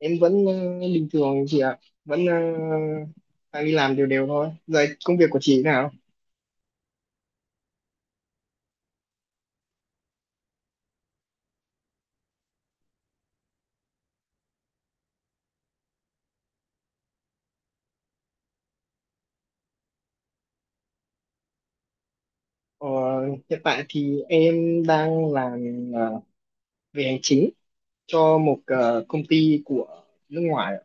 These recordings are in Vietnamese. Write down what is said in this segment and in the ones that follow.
Em vẫn bình thường chị ạ. Vẫn đang đi làm đều đều thôi. Rồi công việc của chị thế nào? Ờ, hiện tại thì em đang làm ờ, về hành chính cho một công ty của nước ngoài ạ.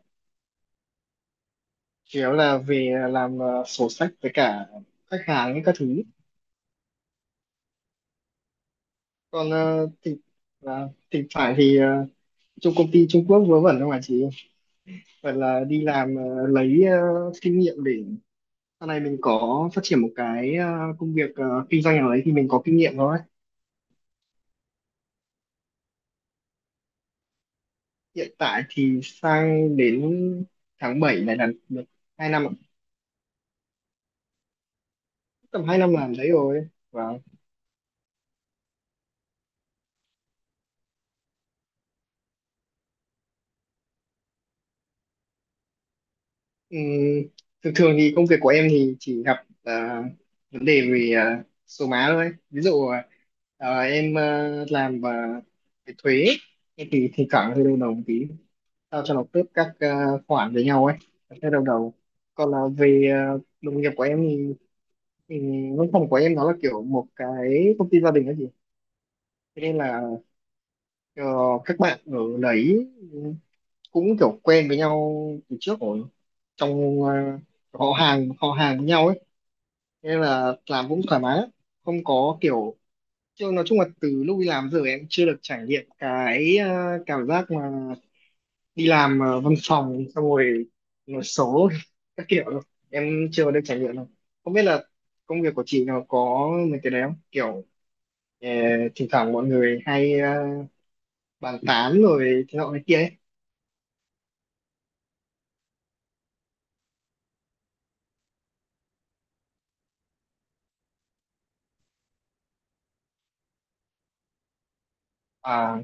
Chủ yếu là về làm sổ sách với cả khách hàng các thứ. Còn thỉnh thoảng thì trong công ty Trung Quốc vớ vẩn không ạ chị? Phải là đi làm lấy kinh nghiệm để sau này mình có phát triển một cái công việc kinh doanh nào đấy thì mình có kinh nghiệm rồi. Hiện tại thì sang đến tháng 7 này là được 2 năm ạ. Tầm 2 năm làm đấy rồi. Và ừm, thường thường thì công việc của em thì chỉ gặp vấn đề về số má thôi. Ví dụ em làm về thuế em thì thỉnh thoảng hơi đau đầu một tí, sao cho nó khớp các khoản với nhau ấy, hơi đau đầu. Còn là về đồng nghiệp của em thì Ừ, văn phòng của em nó là kiểu một cái công ty gia đình ấy chị. Thế nên là ờ, các bạn ở đấy cũng kiểu quen với nhau từ trước rồi, trong họ hàng với nhau ấy. Thế nên là làm cũng thoải mái lắm. Không có kiểu. Chứ nói chung là từ lúc đi làm giờ em chưa được trải nghiệm cái cảm giác mà đi làm văn phòng xong rồi nói số các kiểu đâu. Em chưa được trải nghiệm đâu, không biết là công việc của chị nó có mấy cái đấy không, kiểu Ờ, thỉnh thoảng mọi người hay bàn tán rồi thế nọ thế kia ấy. À,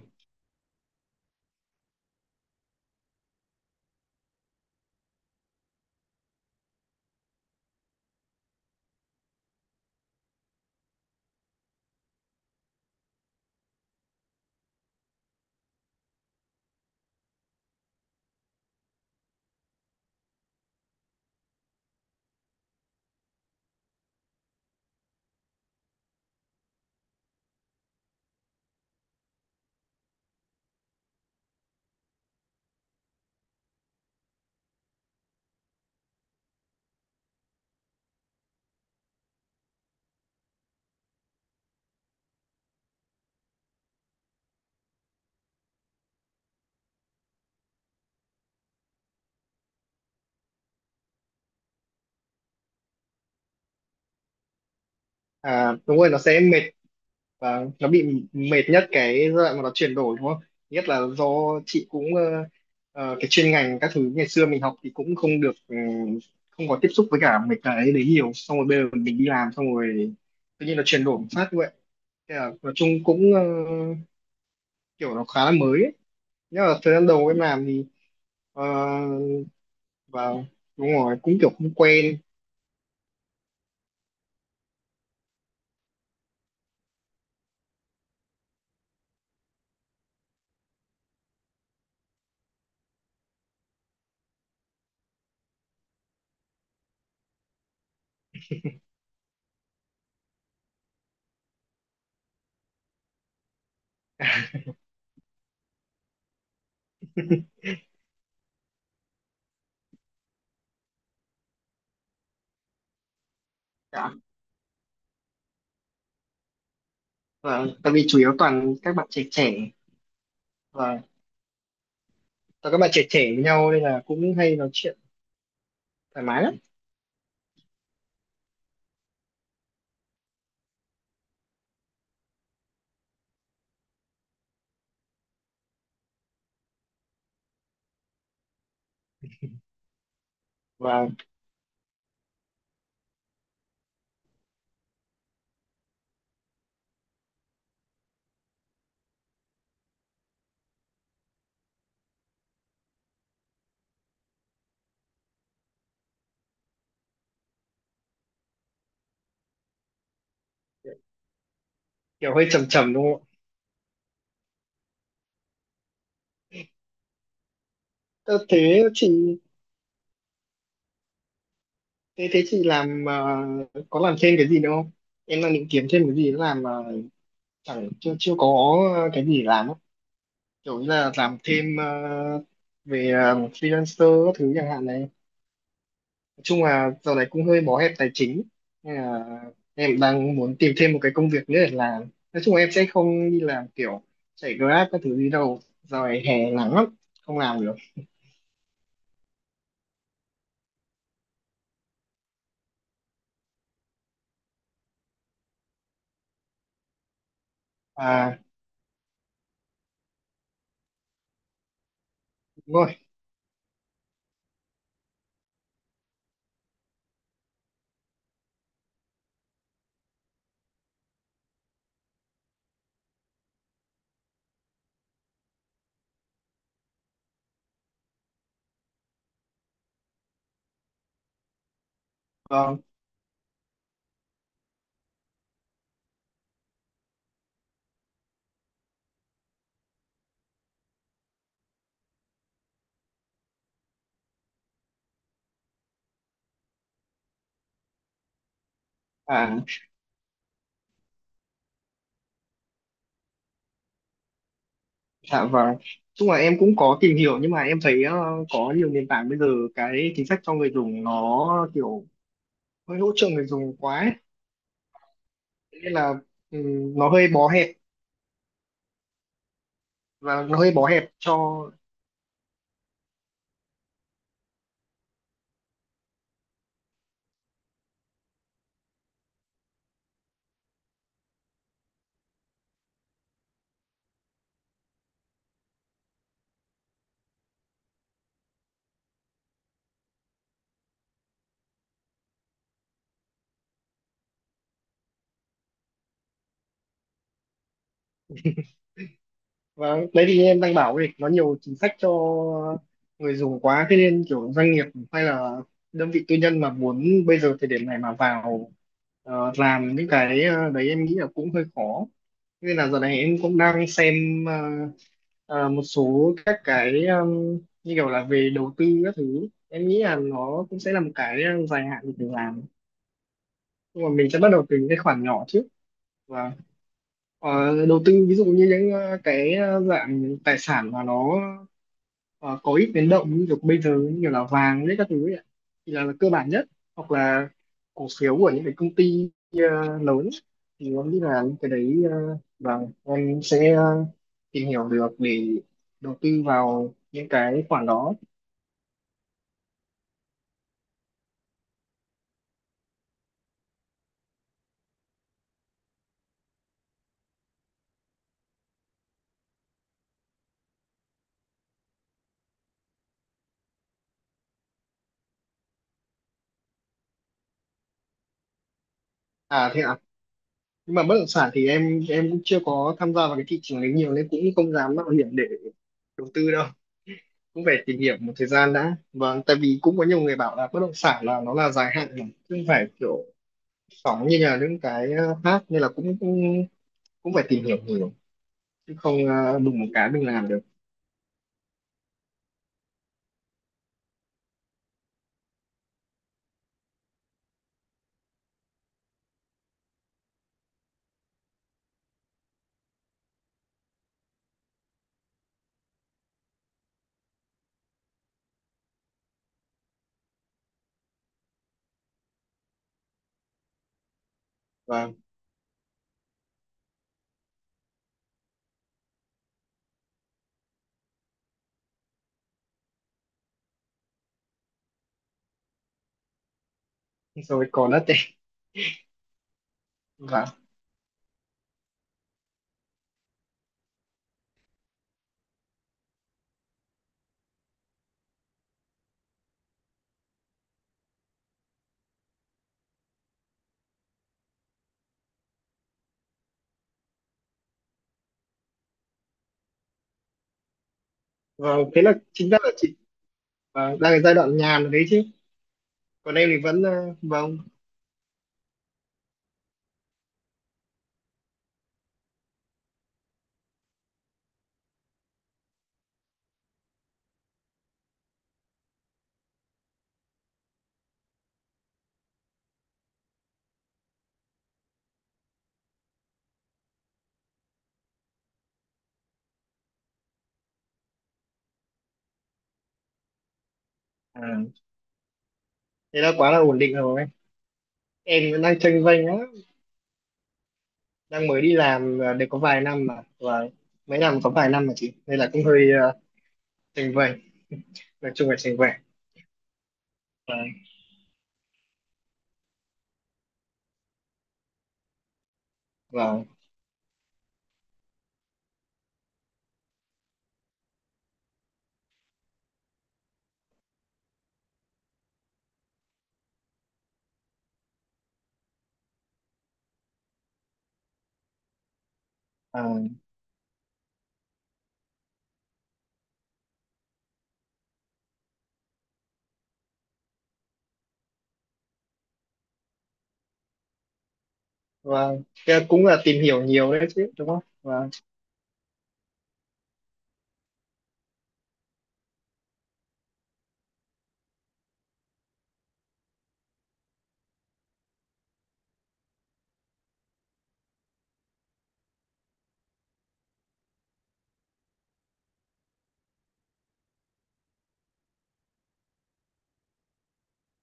à, đúng rồi, nó sẽ mệt và nó bị mệt nhất cái giai đoạn mà nó chuyển đổi, đúng không? Nhất là do chị cũng cái chuyên ngành các thứ ngày xưa mình học thì cũng không được, không có tiếp xúc với cả mấy cái đấy nhiều, xong rồi bây giờ mình đi làm xong rồi tự nhiên nó chuyển đổi một phát như vậy. Thế là nói chung cũng kiểu nó khá là mới ấy. Nhưng mà thời gian đầu em làm thì ờ, vào, đúng rồi cũng kiểu không quen. Dạ, vâng, tại vì chủ yếu toàn các bạn trẻ trẻ. Và toàn các bạn trẻ trẻ với nhau nên là cũng hay nói chuyện thoải mái lắm. Và kiểu hơi trầm trầm, đúng không ạ? Ờ, Thế chị thế chị làm có làm thêm cái gì nữa không? Em đang định kiếm thêm cái gì để làm mà chẳng chưa chưa có cái gì để làm á. Kiểu như là làm thêm về freelancer các thứ chẳng hạn này. Nói chung là giờ này cũng hơi bó hẹp tài chính nên là em đang muốn tìm thêm một cái công việc nữa để làm. Nói chung là em sẽ không đi làm kiểu chạy Grab các thứ gì đâu, giờ này hè nắng lắm, không làm được. À, đúng rồi. Vâng. À, dạ vâng, nói chung là em cũng có tìm hiểu nhưng mà em thấy có nhiều nền tảng bây giờ cái chính sách cho người dùng nó kiểu hơi hỗ trợ người dùng quá ấy. Thế nên là, ừ, nó hơi bó hẹp. Và nó hơi bó hẹp cho. Và đấy thì em đang bảo ấy, nó nhiều chính sách cho người dùng quá thế nên kiểu doanh nghiệp hay là đơn vị tư nhân mà muốn bây giờ thời điểm này mà vào làm những cái đấy, em nghĩ là cũng hơi khó. Thế nên là giờ này em cũng đang xem một số các cái, như kiểu là về đầu tư các thứ, em nghĩ là nó cũng sẽ là một cái dài hạn mình phải làm. Nhưng mà mình sẽ bắt đầu từ những cái khoản nhỏ trước. Và ờ, đầu tư ví dụ như những cái dạng tài sản mà nó có ít biến động, như kiểu bây giờ như kiểu là vàng đấy các thứ ấy ạ. Thì là cơ bản nhất, hoặc là cổ phiếu của những cái công ty lớn, thì em nghĩ là những cái đấy, và em sẽ tìm hiểu được để đầu tư vào những cái khoản đó. À, thế ạ? Nhưng mà bất động sản thì em cũng chưa có tham gia vào cái thị trường đấy nhiều nên cũng không dám mạo hiểm để đầu tư đâu. Cũng phải tìm hiểu một thời gian đã. Vâng, tại vì cũng có nhiều người bảo là bất động sản là nó là dài hạn mà, chứ không phải kiểu phỏng như là những cái khác, nên là cũng cũng, cũng phải tìm hiểu nhiều chứ không đùng một cái mình làm được. Và rồi còn đất đấy. Và, và Thế là chính ra là chị đang cái giai đoạn nhàn đấy chứ? Còn em thì vẫn vâng. À, thế là quá là ổn định rồi. Em vẫn đang chênh vênh á, đang mới đi làm được có vài năm mà, và mới làm có vài năm mà chị, nên là cũng hơi chênh vênh. Nói chung là chênh vênh. và và à, và thế là cũng là tìm hiểu nhiều đấy chứ, đúng không? Vâng.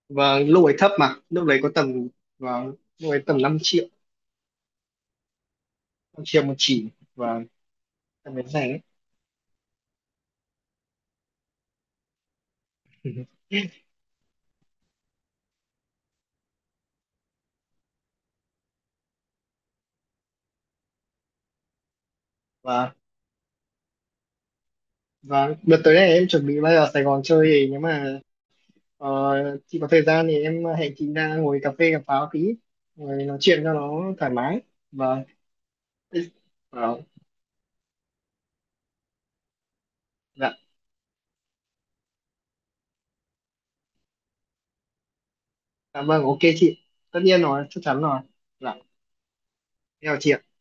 Và lúc ấy thấp, mà lúc đấy có tầm. và Lúc ấy tầm 5 triệu một chỉ. và Tầm đến rẻ ấy. Và và Đợt tới này em chuẩn bị bay vào Sài Gòn chơi, thì nếu mà ờ, chị có thời gian thì em hẹn chị ra ngồi cà phê cà pháo tí, ngồi nói chuyện cho nó thoải mái. Và và Dạ, cảm ơn, ok chị. Tất nhiên rồi, chắc chắn rồi. Dạ, theo chị ạ.